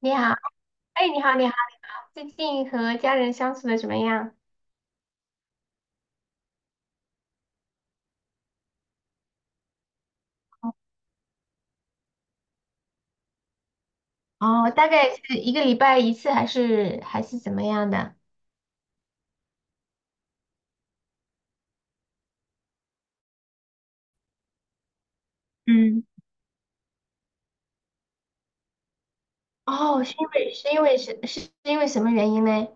你好，哎，你好，你好，最近和家人相处的怎么样？哦，大概是一个礼拜一次，还是怎么样的？嗯。哦，是因为是因为是是是因为什么原因呢？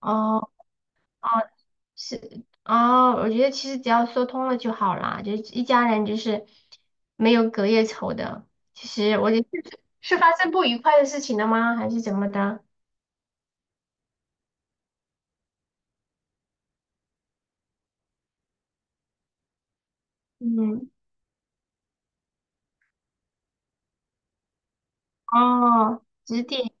哦哦，是哦，我觉得其实只要说通了就好啦，就是一家人就是没有隔夜仇的。其实我觉得是发生不愉快的事情了吗？还是怎么的？嗯。哦，指点。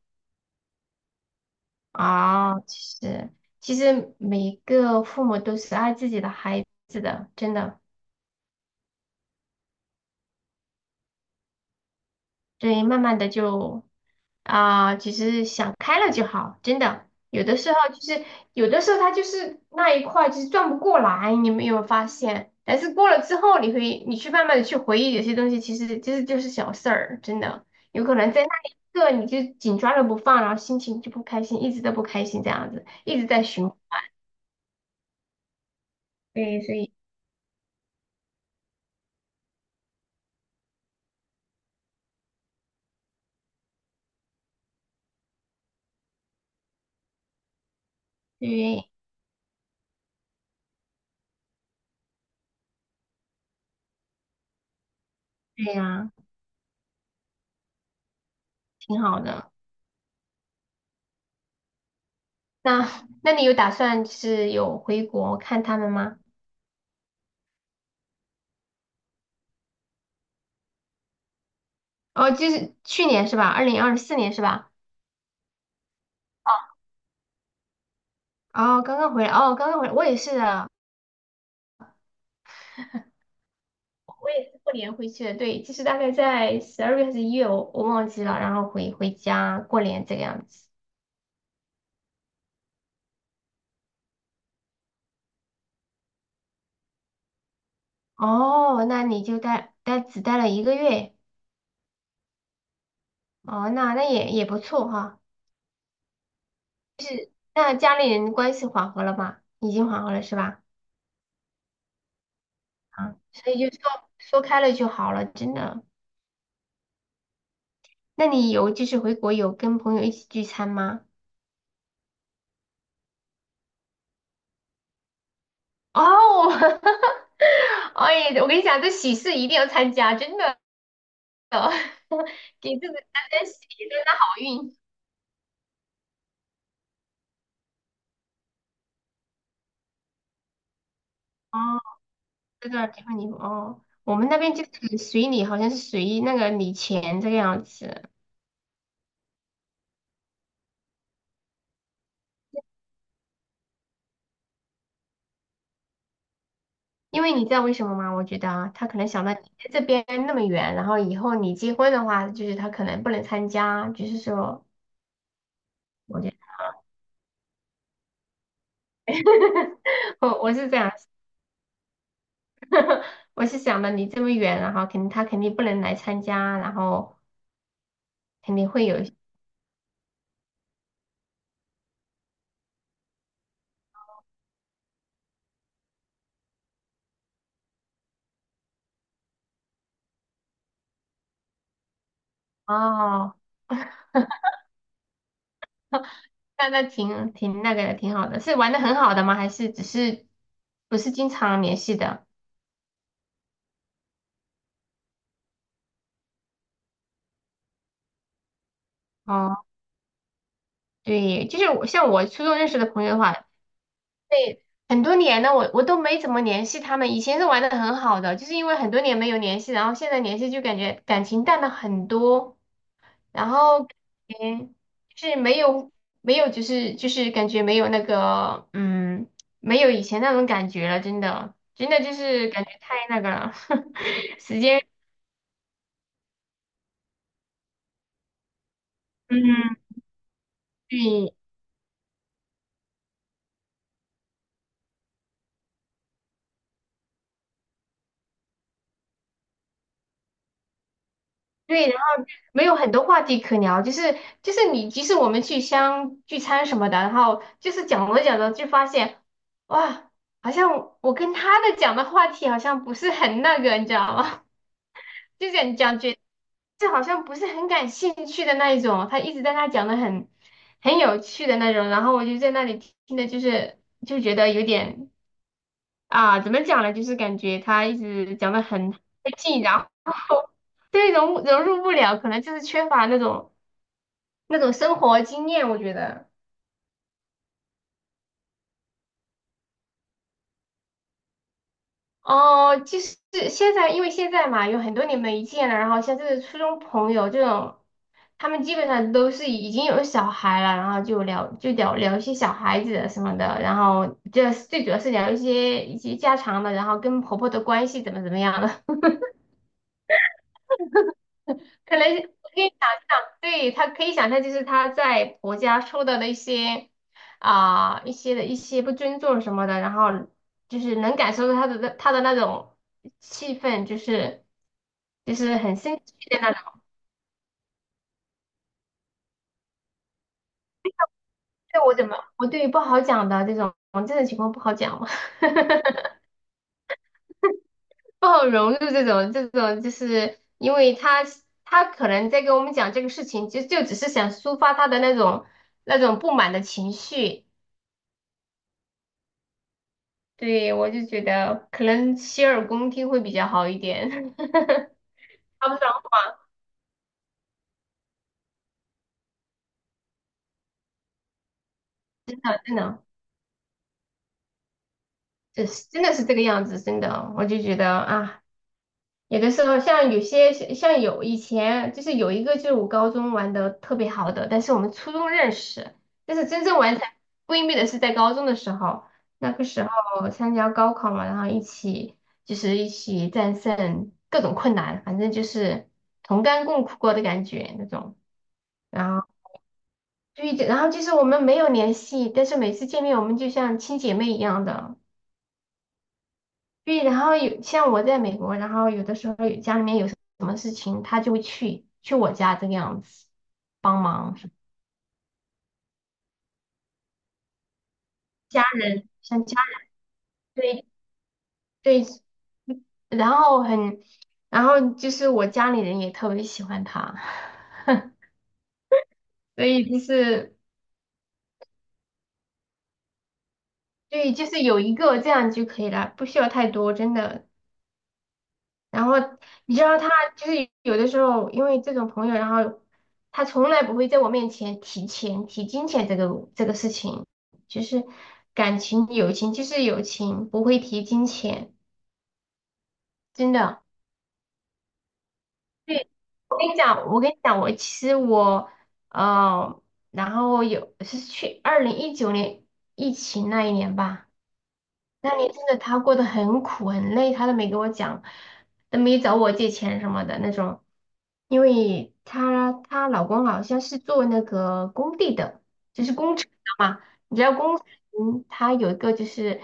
哦，实其实每一个父母都是爱自己的孩子的，真的。所以慢慢的就啊，其实想开了就好，真的。有的时候他就是那一块就是转不过来，你有没有发现？但是过了之后，你去慢慢的去回忆有些东西，其实就是小事儿，真的。有可能在那一刻你就紧抓着不放，然后心情就不开心，一直都不开心这样子，一直在循环。对，所以对对呀，挺好的。那那你有打算就是有回国看他们吗？哦，就是去年是吧？2024年是吧？哦，刚刚回来，哦，刚刚回来，我也是的，我也是过年回去的。对，就是大概在12月还是1月，我忘记了，然后回家过年这个样子。哦，那你就待只待了一个月。哦，那也不错哈。那家里人关系缓和了吗？已经缓和了是吧？啊，所以就说开了就好了，真的。那你有就是回国有跟朋友一起聚餐吗？哦。哎，我跟你讲，这喜事一定要参加，真的。给自己沾沾喜，沾沾好运。哦，这个地方你哦，我们那边就是随礼，好像是随那个礼钱这个样子。因为你知道为什么吗？我觉得啊，他可能想到你在这边那么远，然后以后你结婚的话，就是他可能不能参加，就是说，我觉得 我是这样。我是想的，离这么远，然后肯定他肯定不能来参加，然后肯定会有一些。哦，那挺那个的，挺好的，是玩的很好的吗？还是只是不是经常联系的？哦，对，就是像我初中认识的朋友的话，很多年了，我都没怎么联系他们，以前是玩的很好的，就是因为很多年没有联系，然后现在联系就感觉感情淡了很多。然后嗯，就是没有，就是感觉没有那个嗯，没有以前那种感觉了，真的就是感觉太那个了。时间嗯，对对，然后没有很多话题可聊，就是你即使我们去相聚餐什么的，然后就是讲着讲着就发现哇，好像我跟他的讲的话题好像不是很那个，你知道吗？就是感讲觉这好像不是很感兴趣的那一种，他一直在那讲的很有趣的那种，然后我就在那里听的，就觉得有点啊，怎么讲呢？就是感觉他一直讲的很费劲，然后对融入不了，可能就是缺乏那种生活经验，我觉得。哦，就是现在，因为现在嘛，有很多年没见了，然后像这个初中朋友这种，他们基本上都是已经有小孩了，然后就聊聊一些小孩子什么的，然后这最主要是聊一些家常的，然后跟婆婆的关系怎么样的。可能。对，他可以想象，就是他在婆家受到的一些不尊重什么的，然后就是能感受到他的那种气氛，就是很生气的那种。对，我怎么我对于不好讲的这种情况不好讲。不好融入这种，就是因为他可能在跟我们讲这个事情，就只是想抒发他的那种不满的情绪。对，我就觉得可能洗耳恭听会比较好一点。他们老板真的，就是真的是这个样子，真的，我就觉得啊，有的时候像有以前就是有一个就是我高中玩的特别好的，但是我们初中认识，但是真正玩成闺蜜的是在高中的时候。那个时候参加高考嘛，然后一起战胜各种困难，反正就是同甘共苦过的感觉那种。然后。对的，然后就是我们没有联系，但是每次见面我们就像亲姐妹一样的。对，然后有像我在美国，然后有的时候有家里面有什么事情，他就会去我家这个样子帮忙，家人像家人，对对，然后很，然后就是我家里人也特别喜欢他。所以就是对，就是有一个这样就可以了，不需要太多，真的。然后你知道他就是有的时候因为这种朋友，然后他从来不会在我面前提钱、提金钱这个事情，就是感情、友情就是友情，不会提金钱，真的。对，我跟你讲，我其实呃，然后有是去2019年疫情那一年吧。那年真的她过得很苦很累，她都没给我讲，都没找我借钱什么的那种，因为她老公好像是做那个工地的，就是工程的嘛。你知道工程他有一个就是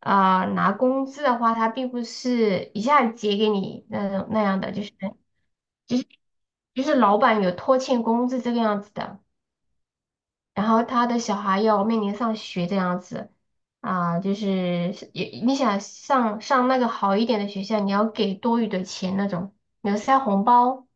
啊、拿工资的话，他并不是一下子结给你那种那样的，就是就是就是老板有拖欠工资这个样子的。然后他的小孩要面临上学这样子啊，就是也你想上那个好一点的学校，你要给多余的钱那种，你要塞红包。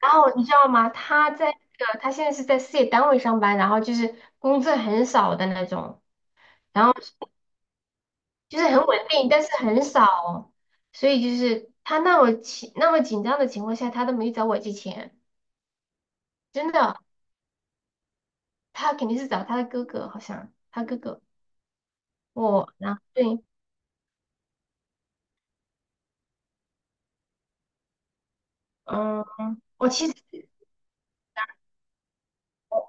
然后你知道吗？他现在是在事业单位上班，然后就是工资很少的那种，然后就是很稳定，但是很少，所以就是他那么紧张的情况下，他都没找我借钱，真的，他肯定是找他的哥哥，好像他哥哥我，然后对。嗯，我其实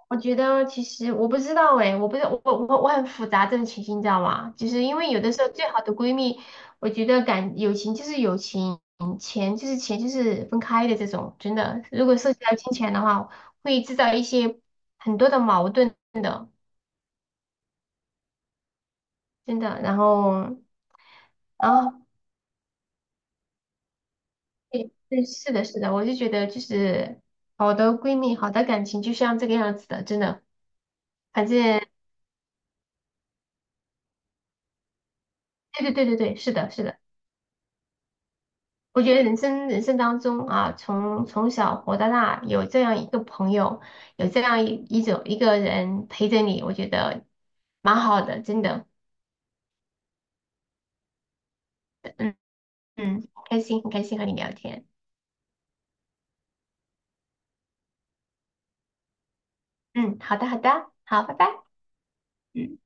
我觉得，其实我不知道诶，我不知我我我很复杂这种情形，你知道吗？就是因为有的时候最好的闺蜜，我觉得感友情就是友情，钱就是钱就是分开的这种，真的。如果涉及到金钱的话，会制造一些很多的矛盾，真的。然后，然后对对，是的，是的，我就觉得就是好的闺蜜，好的感情就像这个样子的，真的。反正对对对对对，是的，是的。我觉得人生当中啊，从小活到大，有这样一个朋友，有这样一个人陪着你，我觉得蛮好的，真的，嗯嗯，开心，很开心和你聊天，嗯，好的好的，好，拜拜。嗯。